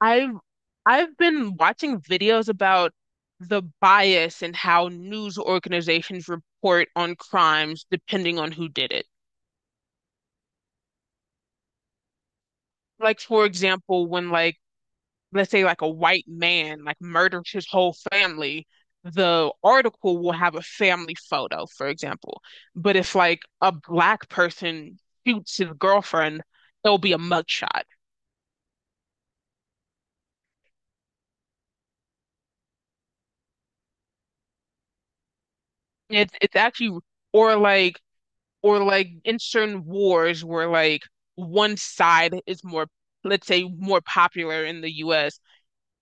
I've I've been watching videos about the bias and how news organizations report on crimes depending on who did it. Like for example, when let's say like a white man like murders his whole family, the article will have a family photo, for example. But if like a black person shoots his girlfriend, there'll be a mugshot. It's actually or like or like in certain wars where like one side is more, let's say, more popular in the US.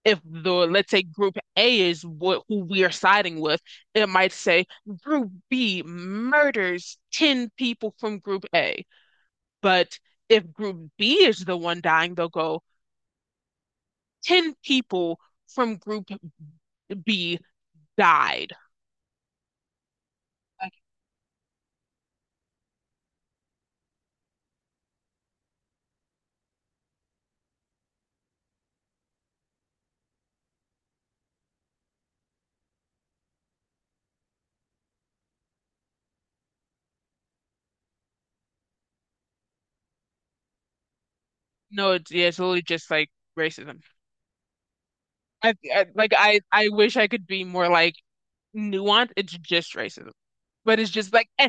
If the, let's say, group A is what who we are siding with, it might say group B murders 10 people from group A. But if group B is the one dying, they'll go 10 people from group B died. No, it's, yeah, it's literally just like racism. I like I wish I could be more like nuance. It's just racism. But it's just like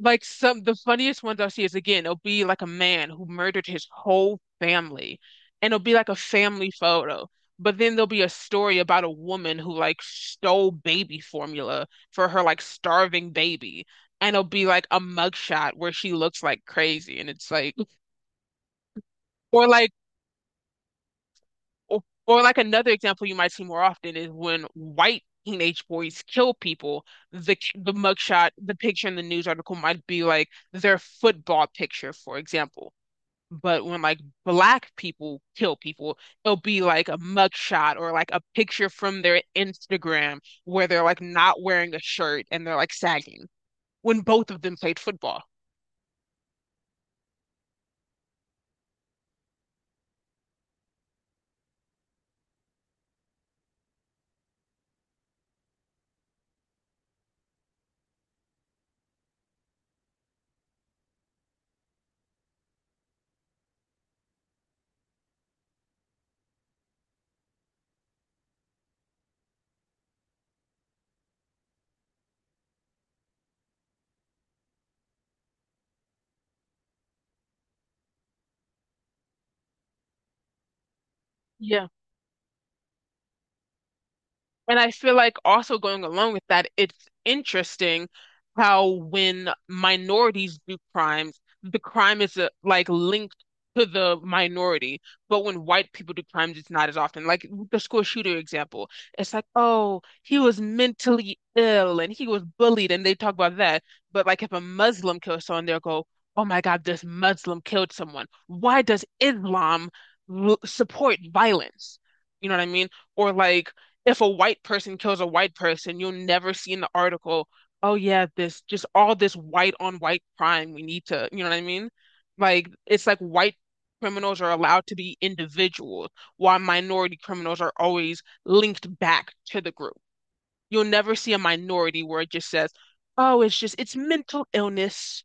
like some the funniest ones I see is again, it'll be like a man who murdered his whole family, and it'll be like a family photo. But then there'll be a story about a woman who like stole baby formula for her like starving baby. And it'll be like a mugshot where she looks like crazy. And it's like, or like Or, like another example you might see more often is when white teenage boys kill people, the mugshot, the picture in the news article might be like their football picture, for example. But when like black people kill people, it'll be like a mugshot or like a picture from their Instagram where they're like not wearing a shirt and they're like sagging when both of them played football. And I feel like also going along with that, it's interesting how when minorities do crimes, the crime is like linked to the minority. But when white people do crimes, it's not as often. Like the school shooter example, it's like, oh, he was mentally ill and he was bullied, and they talk about that. But like if a Muslim kills someone, they'll go, oh my God, this Muslim killed someone. Why does Islam support violence? You know what I mean? Or like if a white person kills a white person, you'll never see in the article, oh yeah, this just all this white on white crime. We need to, you know what I mean? Like it's like white criminals are allowed to be individuals, while minority criminals are always linked back to the group. You'll never see a minority where it just says, oh, it's mental illness.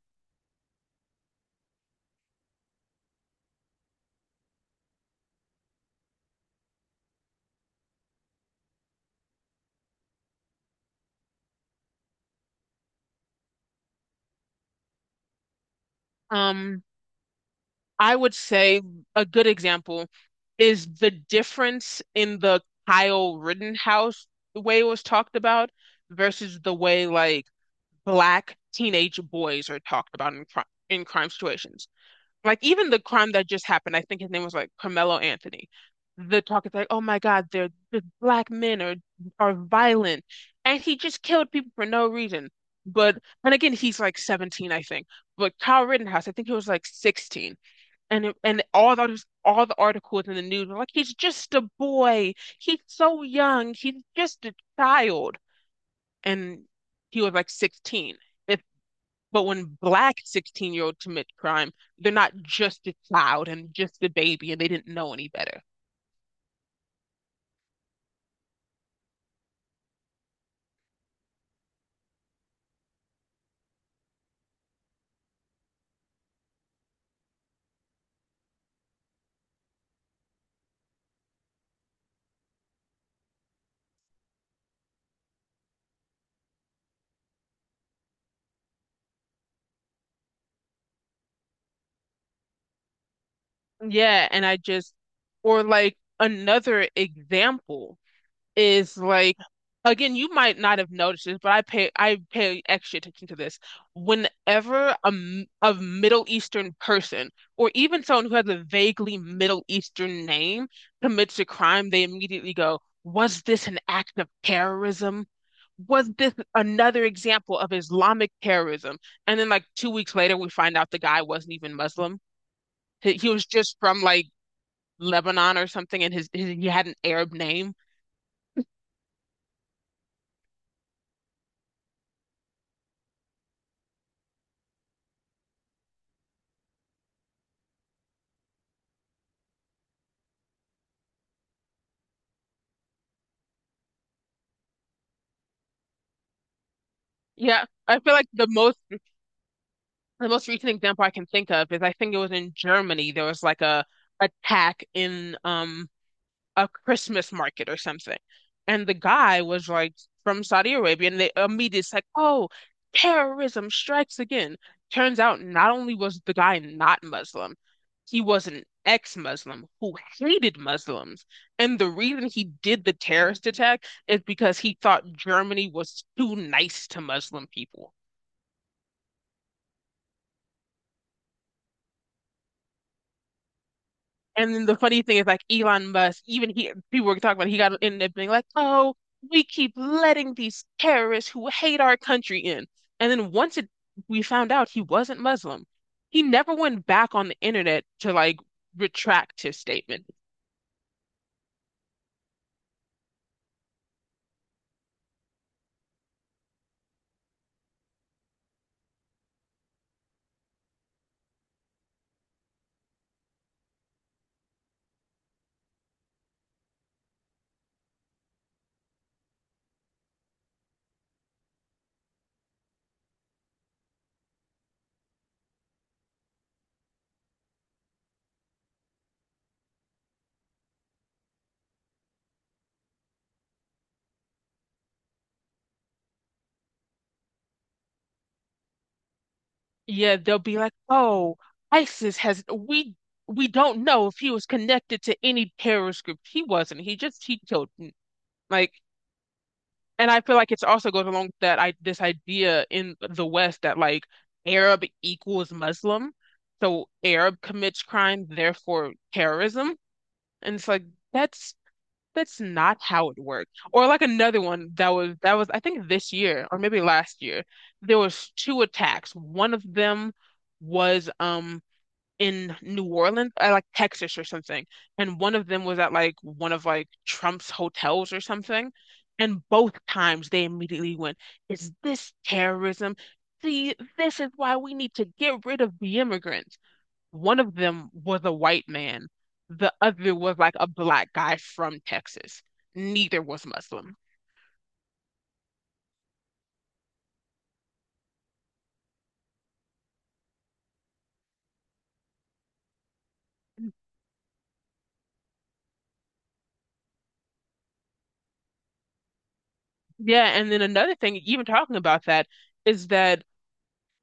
Um, I would say a good example is the difference in the Kyle Rittenhouse, the way it was talked about versus the way like black teenage boys are talked about in crime situations. Like even the crime that just happened, I think his name was like Carmelo Anthony. The talk is like, oh my God, the black men are violent, and he just killed people for no reason. But and again, he's like 17, I think. But Kyle Rittenhouse, I think he was like 16, and all the articles in the news were like he's just a boy, he's so young, he's just a child, and he was like 16. If But when black 16-year-olds commit crime, they're not just a child and just a baby and they didn't know any better. Yeah, and I just, or like another example is like, again, you might not have noticed this, but I pay extra attention to this. Whenever a Middle Eastern person or even someone who has a vaguely Middle Eastern name commits a crime, they immediately go, "Was this an act of terrorism? Was this another example of Islamic terrorism?" And then, like 2 weeks later, we find out the guy wasn't even Muslim. He was just from like Lebanon or something, and his he had an Arab name. Yeah, I feel like the most recent example I can think of is, I think it was in Germany. There was like a attack in a Christmas market or something, and the guy was like from Saudi Arabia, and they immediately it's like, oh, terrorism strikes again. Turns out not only was the guy not Muslim, he was an ex-Muslim who hated Muslims, and the reason he did the terrorist attack is because he thought Germany was too nice to Muslim people. And then the funny thing is, like Elon Musk, even he, people were talking about, he got ended up being like, "Oh, we keep letting these terrorists who hate our country in." And then we found out he wasn't Muslim, he never went back on the internet to like retract his statement. Yeah, they'll be like, "Oh, ISIS has, we don't know if he was connected to any terrorist group. He wasn't. He killed." Like, and I feel like it's also goes along with that I this idea in the West that like Arab equals Muslim, so Arab commits crime, therefore terrorism. And it's like that's that's not how it worked. Or like another one that was, I think this year or maybe last year, there was two attacks. One of them was in New Orleans, like Texas or something. And one of them was at like one of like Trump's hotels or something. And both times they immediately went, is this terrorism? See, this is why we need to get rid of the immigrants. One of them was a white man, the other was like a black guy from Texas. Neither was Muslim. Yeah, and then another thing, even talking about that, is that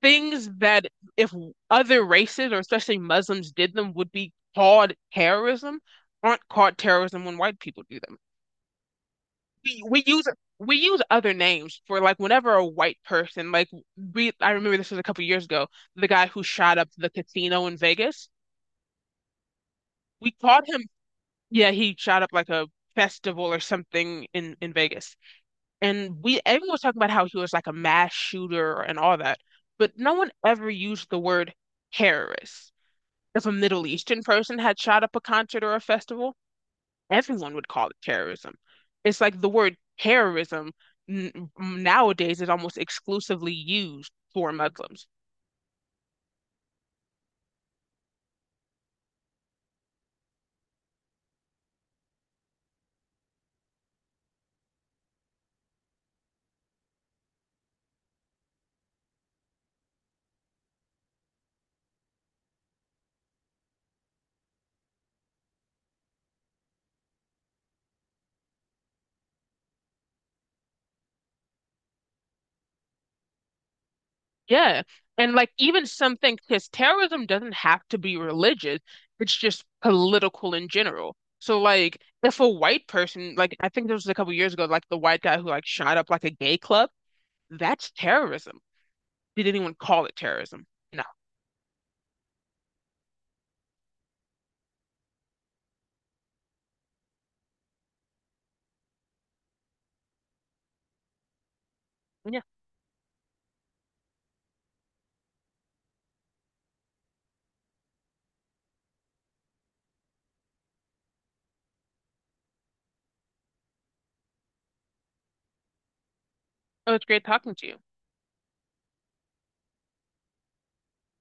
things that if other races or especially Muslims did them would be called terrorism aren't called terrorism when white people do them. We, we use we use other names for like whenever a white person like, we I remember this was a couple years ago, the guy who shot up the casino in Vegas. We called him, yeah, he shot up like a festival or something in Vegas. And we everyone was talking about how he was like a mass shooter and all that, but no one ever used the word terrorist. If a Middle Eastern person had shot up a concert or a festival, everyone would call it terrorism. It's like the word terrorism n nowadays is almost exclusively used for Muslims. Yeah. And like even some things, because terrorism doesn't have to be religious, it's just political in general. So like if a white person, like I think this was a couple years ago, like the white guy who like shot up like a gay club, that's terrorism. Did anyone call it terrorism? No. Yeah. It was great talking to you.